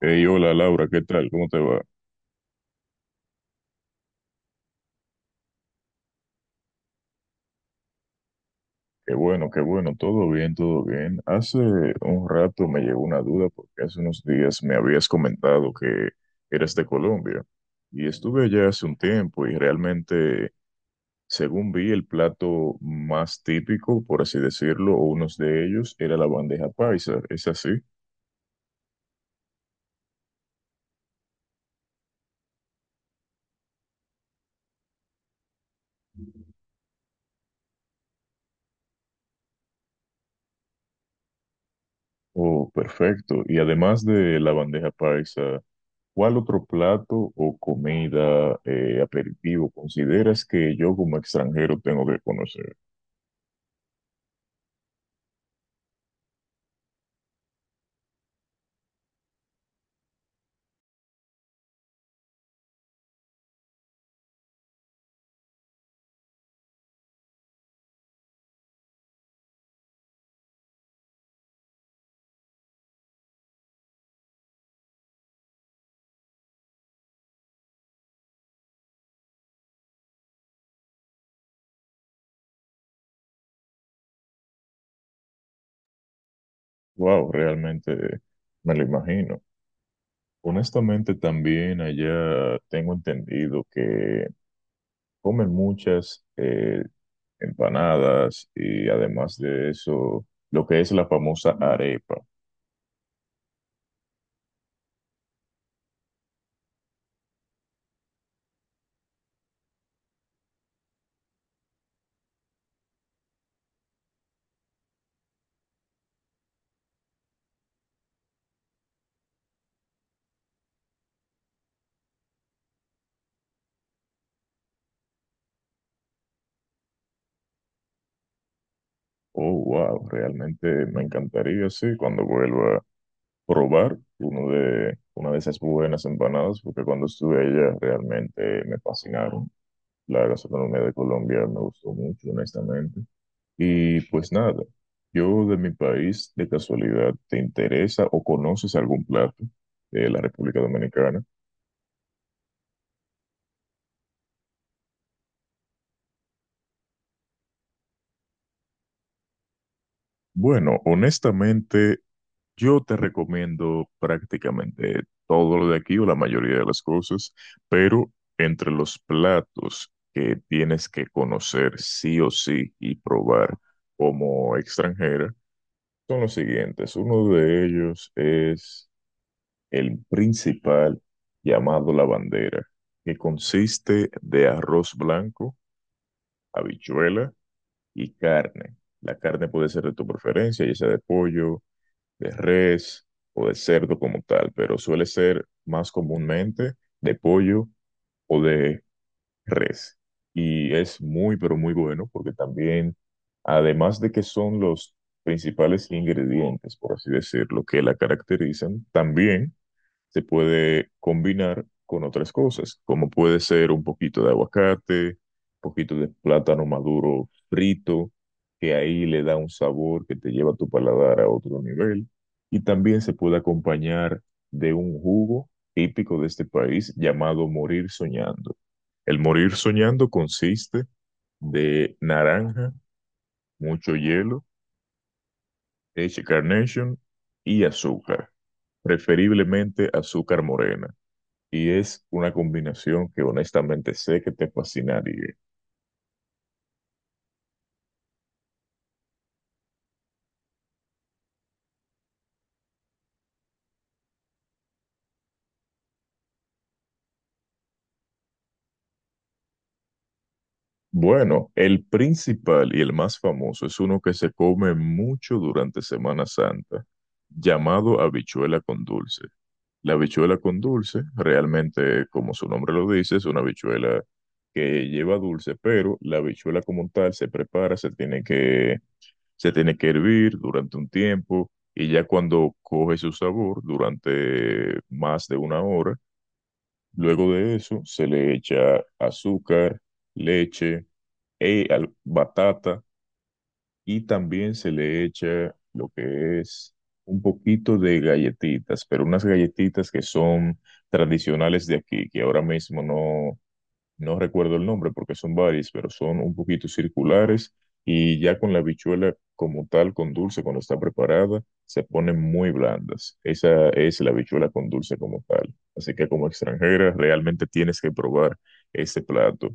Hey, hola Laura, ¿qué tal? ¿Cómo te va? Qué bueno, todo bien, todo bien. Hace un rato me llegó una duda porque hace unos días me habías comentado que eras de Colombia y estuve allá hace un tiempo y realmente, según vi, el plato más típico, por así decirlo, o unos de ellos, era la bandeja paisa, ¿es así? Oh, perfecto. Y además de la bandeja paisa, ¿cuál otro plato o comida, aperitivo consideras que yo como extranjero tengo que conocer? Wow, realmente me lo imagino. Honestamente, también allá tengo entendido que comen muchas empanadas y además de eso, lo que es la famosa arepa. Oh, wow, realmente me encantaría, sí, cuando vuelva probar una de esas buenas empanadas, porque cuando estuve allá realmente me fascinaron. La gastronomía de Colombia me gustó mucho, honestamente. Y pues nada, yo de mi país, de casualidad, ¿te interesa o conoces algún plato de la República Dominicana? Bueno, honestamente, yo te recomiendo prácticamente todo lo de aquí o la mayoría de las cosas, pero entre los platos que tienes que conocer sí o sí y probar como extranjera son los siguientes. Uno de ellos es el principal, llamado la bandera, que consiste de arroz blanco, habichuela y carne. La carne puede ser de tu preferencia, ya sea de pollo, de res o de cerdo como tal, pero suele ser más comúnmente de pollo o de res. Y es muy, pero muy bueno porque también, además de que son los principales ingredientes, por así decirlo, que la caracterizan, también se puede combinar con otras cosas, como puede ser un poquito de aguacate, un poquito de plátano maduro frito, que ahí le da un sabor que te lleva tu paladar a otro nivel. Y también se puede acompañar de un jugo típico de este país llamado morir soñando. El morir soñando consiste de naranja, mucho hielo, leche Carnation y azúcar, preferiblemente azúcar morena, y es una combinación que honestamente sé que te fascinaría. Bueno, el principal y el más famoso es uno que se come mucho durante Semana Santa, llamado habichuela con dulce. La habichuela con dulce, realmente, como su nombre lo dice, es una habichuela que lleva dulce, pero la habichuela como tal se prepara, se tiene que hervir durante un tiempo y ya cuando coge su sabor, durante más de una hora. Luego de eso, se le echa azúcar, leche, batata y también se le echa lo que es un poquito de galletitas, pero unas galletitas que son tradicionales de aquí, que ahora mismo no, no recuerdo el nombre porque son varios, pero son un poquito circulares, y ya con la habichuela como tal, con dulce, cuando está preparada, se ponen muy blandas. Esa es la habichuela con dulce como tal. Así que como extranjera, realmente tienes que probar ese plato.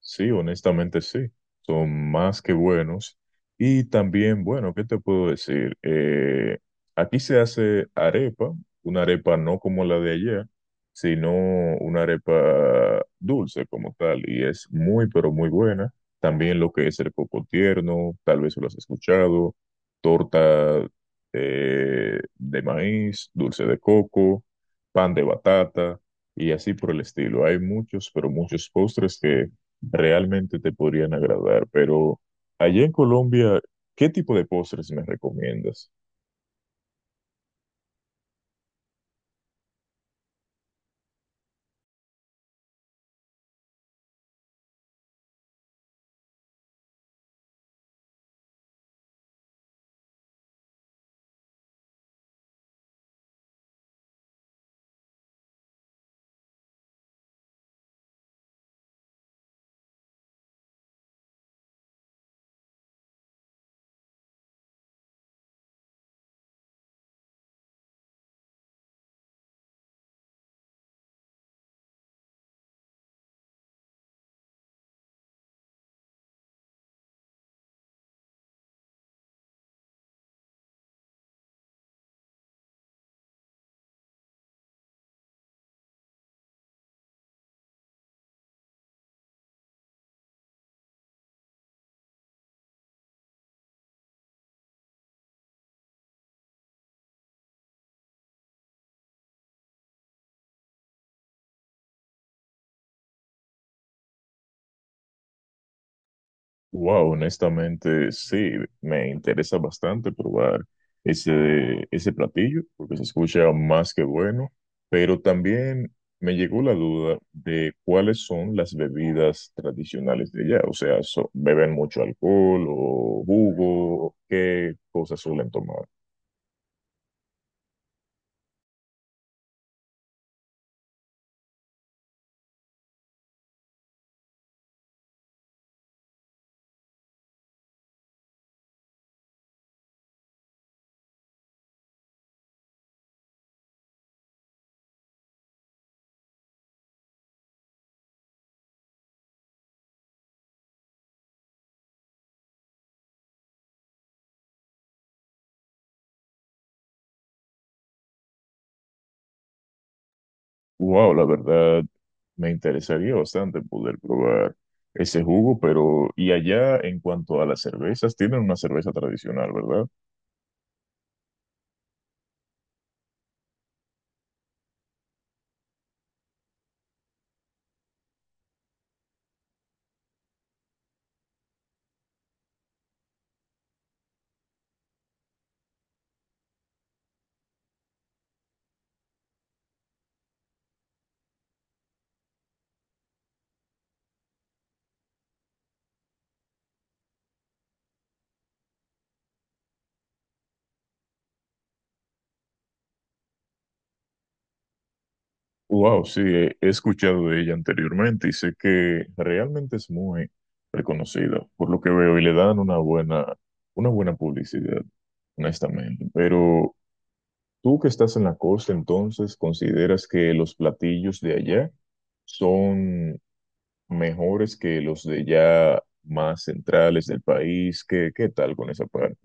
Sí, honestamente sí, son más que buenos. Y también, bueno, ¿qué te puedo decir? Aquí se hace arepa, una arepa no como la de allá, sino una arepa dulce como tal, y es muy, pero muy buena. También lo que es el coco tierno, tal vez lo has escuchado, torta de maíz, dulce de coco, pan de batata y así por el estilo. Hay muchos, pero muchos postres que realmente te podrían agradar, pero allá en Colombia, ¿qué tipo de postres me recomiendas? Wow, honestamente, sí, me interesa bastante probar ese platillo, porque se escucha más que bueno, pero también me llegó la duda de cuáles son las bebidas tradicionales de allá, o sea, ¿beben mucho alcohol o jugo? ¿Qué cosas suelen tomar? Wow, la verdad me interesaría bastante poder probar ese jugo, pero y allá en cuanto a las cervezas, tienen una cerveza tradicional, ¿verdad? Wow, sí, he escuchado de ella anteriormente y sé que realmente es muy reconocida, por lo que veo, y le dan una buena publicidad, honestamente. Pero tú que estás en la costa, entonces, ¿consideras que los platillos de allá son mejores que los de ya más centrales del país? ¿Qué, qué tal con esa parte?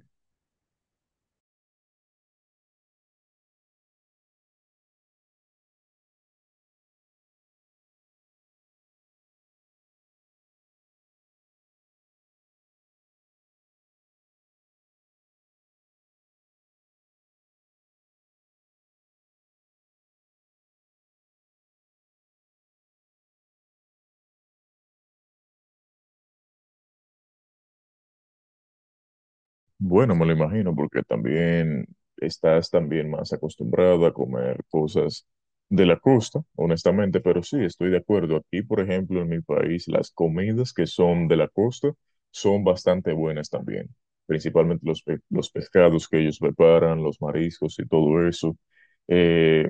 Bueno, me lo imagino, porque también estás también más acostumbrado a comer cosas de la costa, honestamente, pero sí, estoy de acuerdo. Aquí, por ejemplo, en mi país, las comidas que son de la costa son bastante buenas también, principalmente los, los pescados que ellos preparan, los mariscos y todo eso. Eh,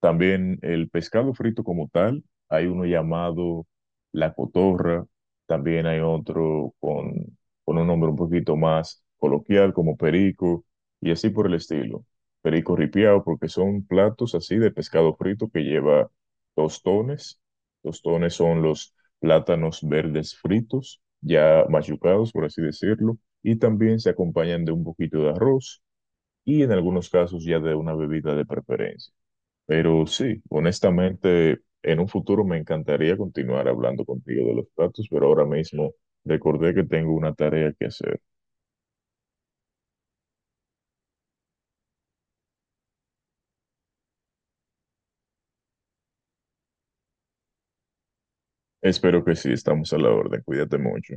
También el pescado frito como tal, hay uno llamado la cotorra, también hay otro con un nombre un poquito más coloquial como perico y así por el estilo. Perico ripiao, porque son platos así de pescado frito que lleva tostones. Tostones son los plátanos verdes fritos, ya machucados por así decirlo, y también se acompañan de un poquito de arroz y en algunos casos ya de una bebida de preferencia. Pero sí, honestamente, en un futuro me encantaría continuar hablando contigo de los platos, pero ahora mismo recordé que tengo una tarea que hacer. Espero que sí, estamos a la orden. Cuídate mucho.